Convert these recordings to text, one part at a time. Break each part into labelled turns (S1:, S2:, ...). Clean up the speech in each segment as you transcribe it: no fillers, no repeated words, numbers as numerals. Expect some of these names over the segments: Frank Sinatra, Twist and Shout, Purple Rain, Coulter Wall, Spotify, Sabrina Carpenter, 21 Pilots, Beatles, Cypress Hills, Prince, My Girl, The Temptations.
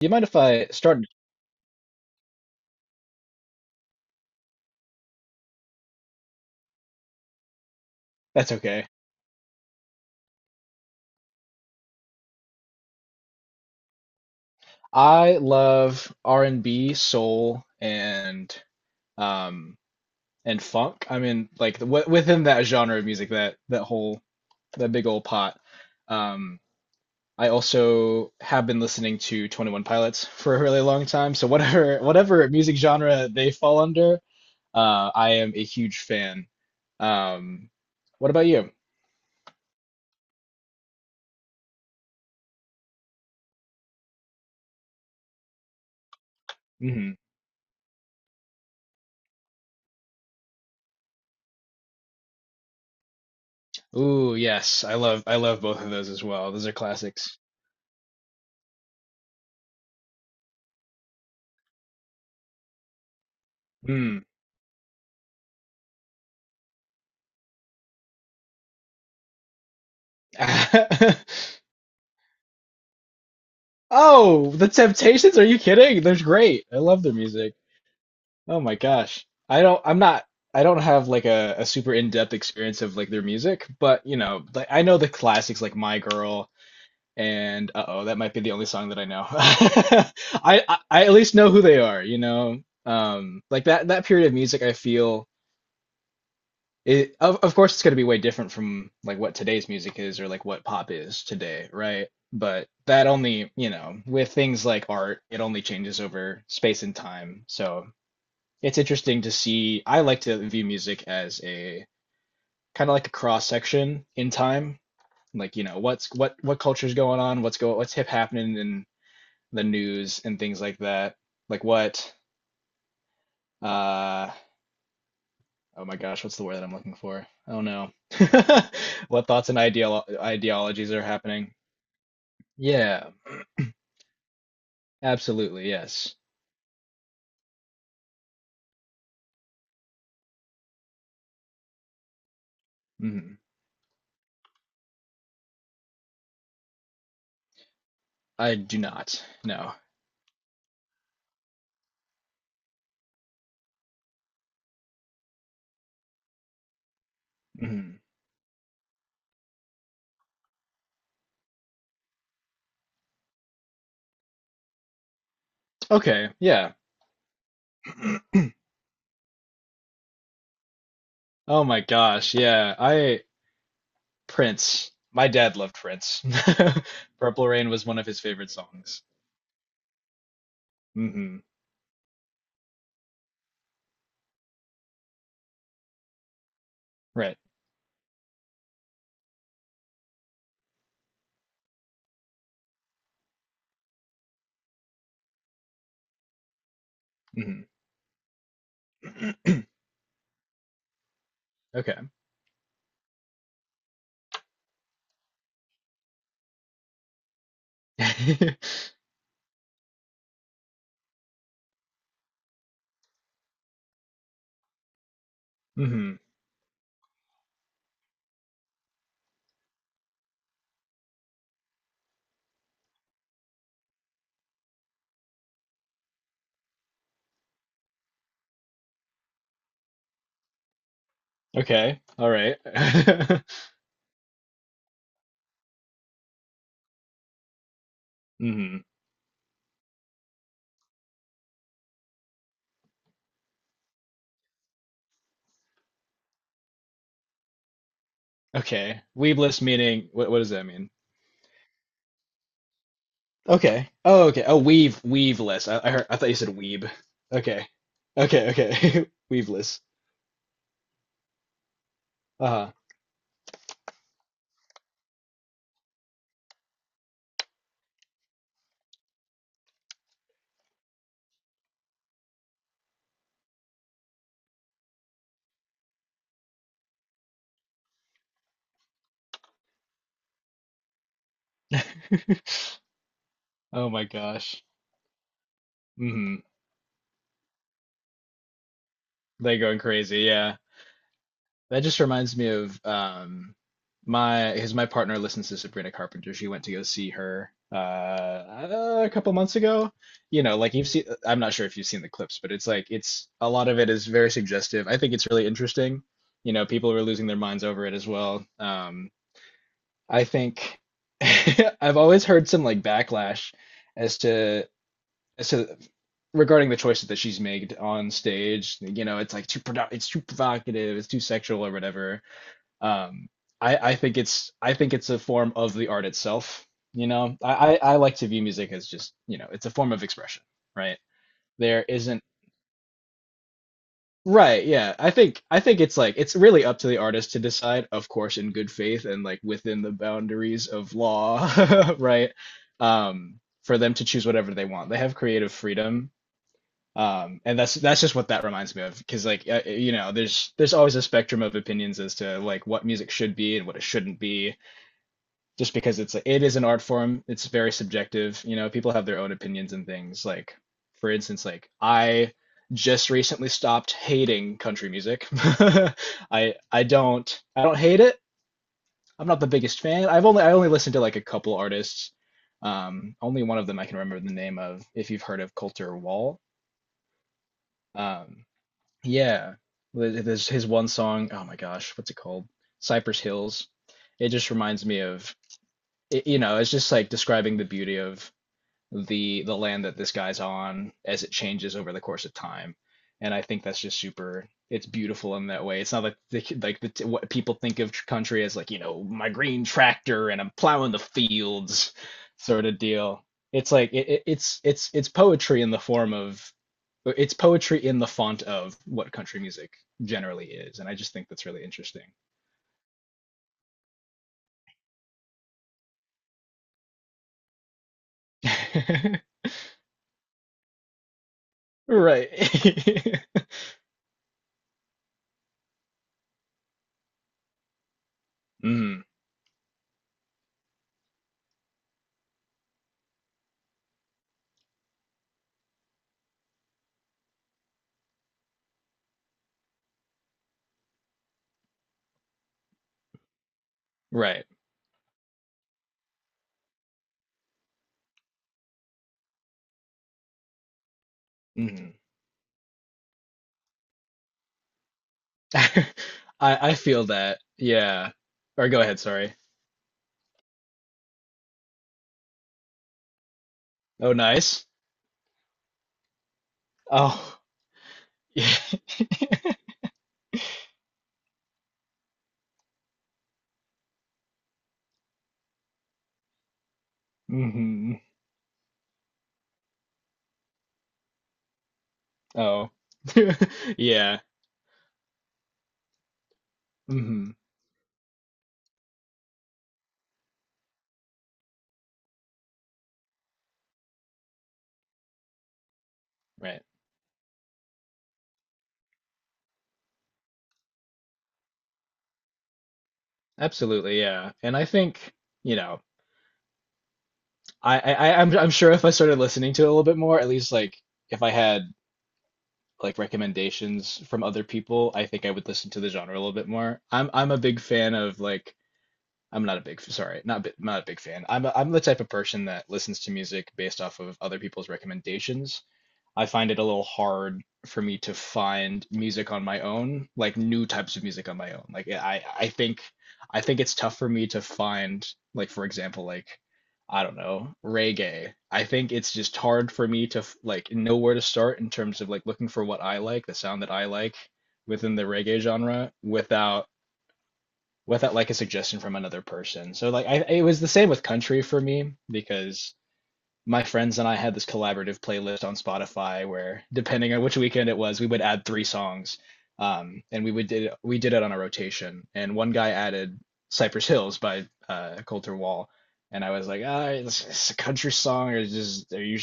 S1: You mind if I start? That's okay. I love R&B, soul, um and funk. I mean, like w within that genre of music, that whole that big old pot. Um, I also have been listening to 21 Pilots for a really long time. So whatever music genre they fall under, I am a huge fan. Um, what about you? Hmm. Ooh, yes, I love both of those as well. Those are classics. Hmm. Oh, The Temptations? Are you kidding? They're great. I love their music. Oh my gosh. I'm not I don't have like a super in-depth experience of like their music, but you know, like I know the classics like My Girl and uh-oh, that might be the only song that I know. I at least know who they are, you know. Like that period of music I feel it of course it's going to be way different from like what today's music is or like what pop is today, right? But that only, you know, with things like art, it only changes over space and time. So it's interesting to see. I like to view music as a kind of like a cross section in time, like you know what's what culture's going on, what's hip, happening in the news and things like that, like what uh oh my gosh, what's the word that I'm looking for? Oh no. What thoughts and ideologies are happening? Yeah, absolutely, yes. Hmm. I do not. No. Hmm. Okay, yeah. Oh my gosh, yeah. I Prince. My dad loved Prince. Purple Rain was one of his favorite songs. Hmm. Right. Hmm. Okay. Hmm. Okay. All right. Hmm. Okay. Weebless meaning what does that mean? Okay. Oh, okay. Oh, weave weaveless. I heard. I thought you said weeb. Okay. Okay. Okay. Weaveless. Uh huh. Oh my gosh. Hmm. They're going crazy. Yeah. That just reminds me of my, because my partner listens to Sabrina Carpenter. She went to go see her a couple months ago. You know, like you've seen. I'm not sure if you've seen the clips, but it's like it's a lot of it is very suggestive. I think it's really interesting. You know, people were losing their minds over it as well. I think I've always heard some like backlash as to as to regarding the choices that she's made on stage. You know, it's like it's too provocative, it's too sexual or whatever. Um, I think it's I think it's a form of the art itself. You know, I like to view music as just, you know, it's a form of expression, right? There isn't Right, yeah. I think it's like it's really up to the artist to decide, of course, in good faith and like within the boundaries of law, right? For them to choose whatever they want. They have creative freedom. And that's just what that reminds me of, because like you know, there's always a spectrum of opinions as to like what music should be and what it shouldn't be, just because it's it is an art form. It's very subjective. You know, people have their own opinions and things like, for instance, like I just recently stopped hating country music. I don't hate it. I'm not the biggest fan. I only listened to like a couple artists. Only one of them I can remember the name of. If you've heard of Coulter Wall, um yeah, there's his one song, oh my gosh, what's it called? Cypress Hills. It just reminds me of it, you know, it's just like describing the beauty of the land that this guy's on as it changes over the course of time. And I think that's just super, it's beautiful in that way. It's not like what people think of country as, like, you know, my green tractor and I'm plowing the fields sort of deal. It's like it, it's poetry in the form of it's poetry in the font of what country music generally is, and I just think that's really interesting. Right. Mm, right. Mhm. I I feel that. Yeah. Or go ahead, sorry. Oh, nice. Oh, yeah. Hmm. Oh. Yeah. Hmm. Right. Absolutely, yeah. And I think, you know, I'm sure if I started listening to it a little bit more, at least like if I had like recommendations from other people, I think I would listen to the genre a little bit more. I'm a big fan of like I'm not a big, sorry, not a big fan. I'm the type of person that listens to music based off of other people's recommendations. I find it a little hard for me to find music on my own, like new types of music on my own. Like yeah, I think I think it's tough for me to find like for example like I don't know, reggae. I think it's just hard for me to like know where to start in terms of like looking for what I like, the sound that I like within the reggae genre without like a suggestion from another person. So like I it was the same with country for me because my friends and I had this collaborative playlist on Spotify where, depending on which weekend it was, we would add three songs. And we would did it on a rotation. And one guy added Cypress Hills by Coulter Wall, and I was like, ah, it's a country song, or just are you?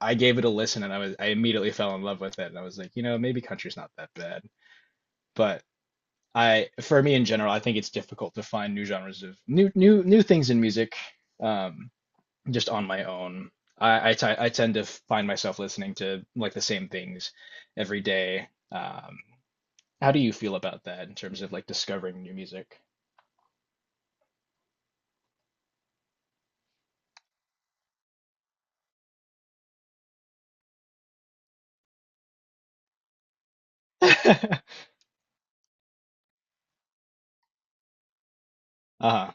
S1: I gave it a listen, and I immediately fell in love with it, and I was like, you know, maybe country's not that bad. But I for me in general, I think it's difficult to find new genres of new things in music, um just on my own. I tend to find myself listening to like the same things every day. How do you feel about that in terms of like discovering new music? Uh-huh.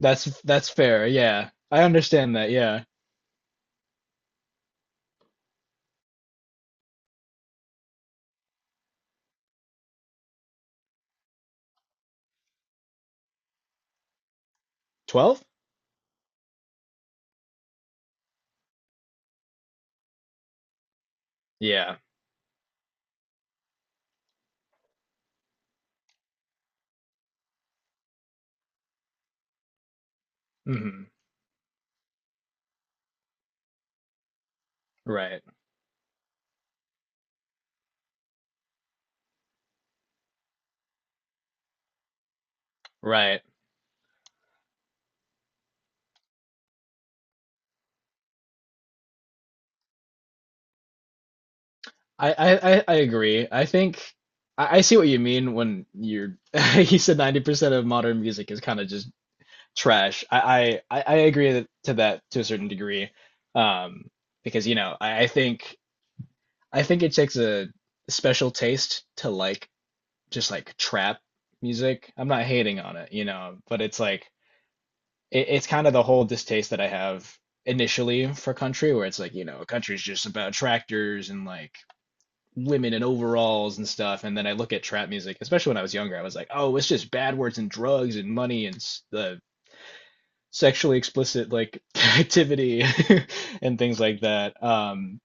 S1: That's fair. Yeah. I understand that. Yeah. 12? Yeah. Hmm. Right. Right. I I agree. I think I see what you mean when you're you said 90% of modern music is kind of just trash. I I agree that, to that to a certain degree. Um, because you know, I think it takes a special taste to like just like trap music. I'm not hating on it, you know, but it's like it's kind of the whole distaste that I have initially for country where it's like, you know, country is just about tractors and like women in overalls and stuff. And then I look at trap music, especially when I was younger, I was like, oh, it's just bad words and drugs and money and the sexually explicit like activity and things like that.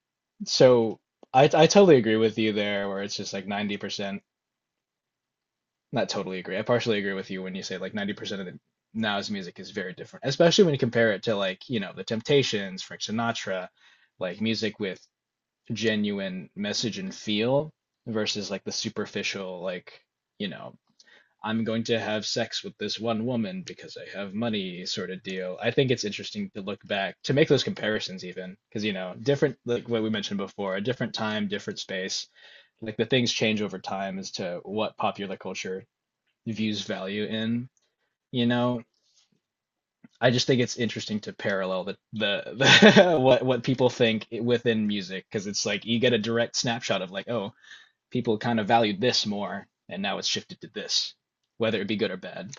S1: So I totally agree with you there where it's just like 90% not totally agree, I partially agree with you when you say like 90% of the now's music is very different, especially when you compare it to, like, you know, the Temptations, Frank Sinatra, like music with genuine message and feel versus like the superficial, like, you know, I'm going to have sex with this one woman because I have money sort of deal. I think it's interesting to look back to make those comparisons, even because, you know, different, like what we mentioned before, a different time, different space, like the things change over time as to what popular culture views value in, you know, I just think it's interesting to parallel the what people think within music, because it's like you get a direct snapshot of like, oh, people kind of valued this more, and now it's shifted to this, whether it be good or bad.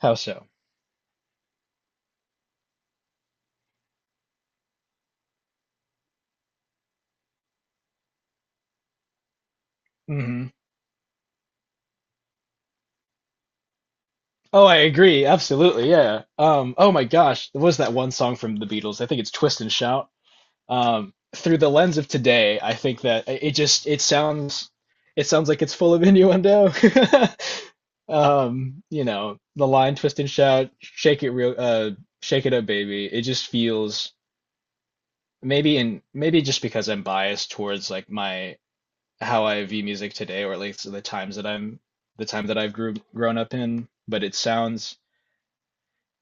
S1: How so? Hmm. Oh, I agree. Absolutely. Yeah. Oh my gosh. There was that one song from the Beatles. I think it's Twist and Shout. Through the lens of today, I think that it just it sounds like it's full of innuendo. You know, the line Twist and Shout, shake it real shake it up, baby. It just feels maybe in maybe just because I'm biased towards like my how I view music today, or at least the time that I've grew grown up in. But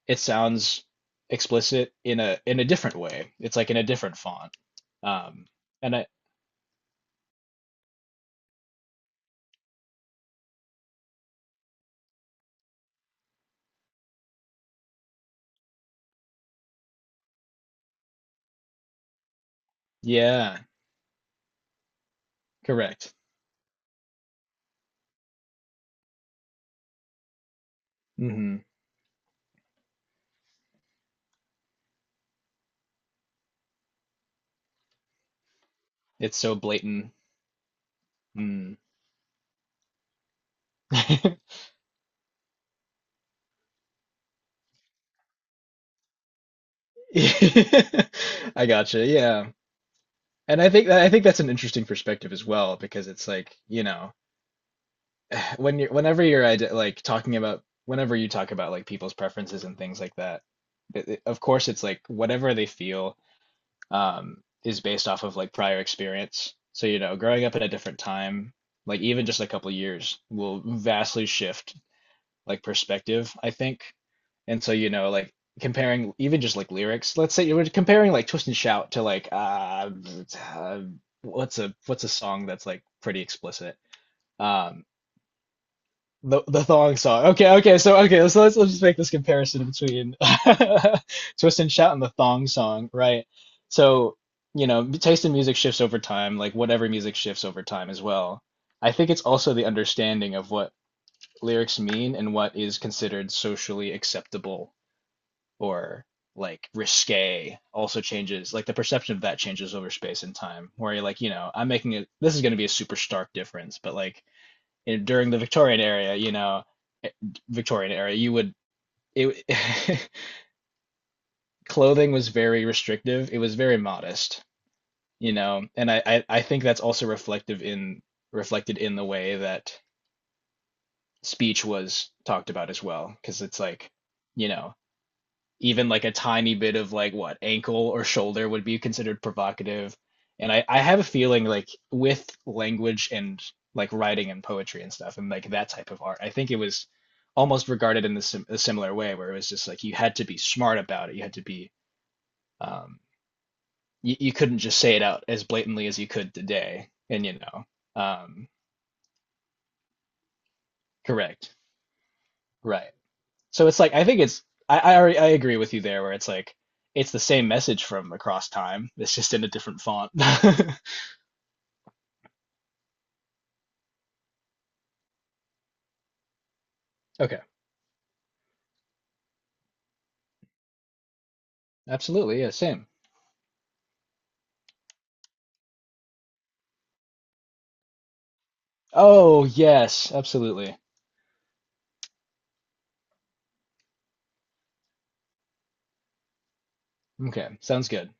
S1: it sounds explicit in a different way. It's like in a different font. Um, and I yeah, correct. Hmm. It's so blatant. Mm. I gotcha. Yeah. And I think that I think that's an interesting perspective as well, because it's like, you know, when you're like talking about whenever you talk about like people's preferences and things like that, of course it's like whatever they feel, um is based off of like prior experience. So you know, growing up at a different time, like even just a couple years will vastly shift like perspective, I think. And so you know like comparing even just like lyrics, let's say you were comparing like Twist and Shout to like uh what's a song that's like pretty explicit. Um, the thong song. Okay, okay, so okay, so let's just make this comparison between Twist and Shout and the thong song, right? So, you know, taste in music shifts over time, like whatever music shifts over time as well. I think it's also the understanding of what lyrics mean and what is considered socially acceptable or like risque also changes. Like the perception of that changes over space and time, where you're like, you know, I'm making it, this is going to be a super stark difference, but like you know, during the Victorian era, you know, eh, Victorian era, you would it clothing was very restrictive. It was very modest, you know. And I I think that's also reflective in reflected in the way that speech was talked about as well, because it's like, you know, even like a tiny bit of like what ankle or shoulder would be considered provocative. And I have a feeling like with language and like writing and poetry and stuff and like that type of art, I think it was almost regarded in the sim a similar way where it was just like you had to be smart about it. You had to be um you couldn't just say it out as blatantly as you could today. And you know, um correct. Right. So it's like I think it's I, already, I agree with you there where it's like it's the same message from across time. It's just in a different font. Okay. Absolutely. Yeah, same. Oh, yes, absolutely. Okay. Sounds good.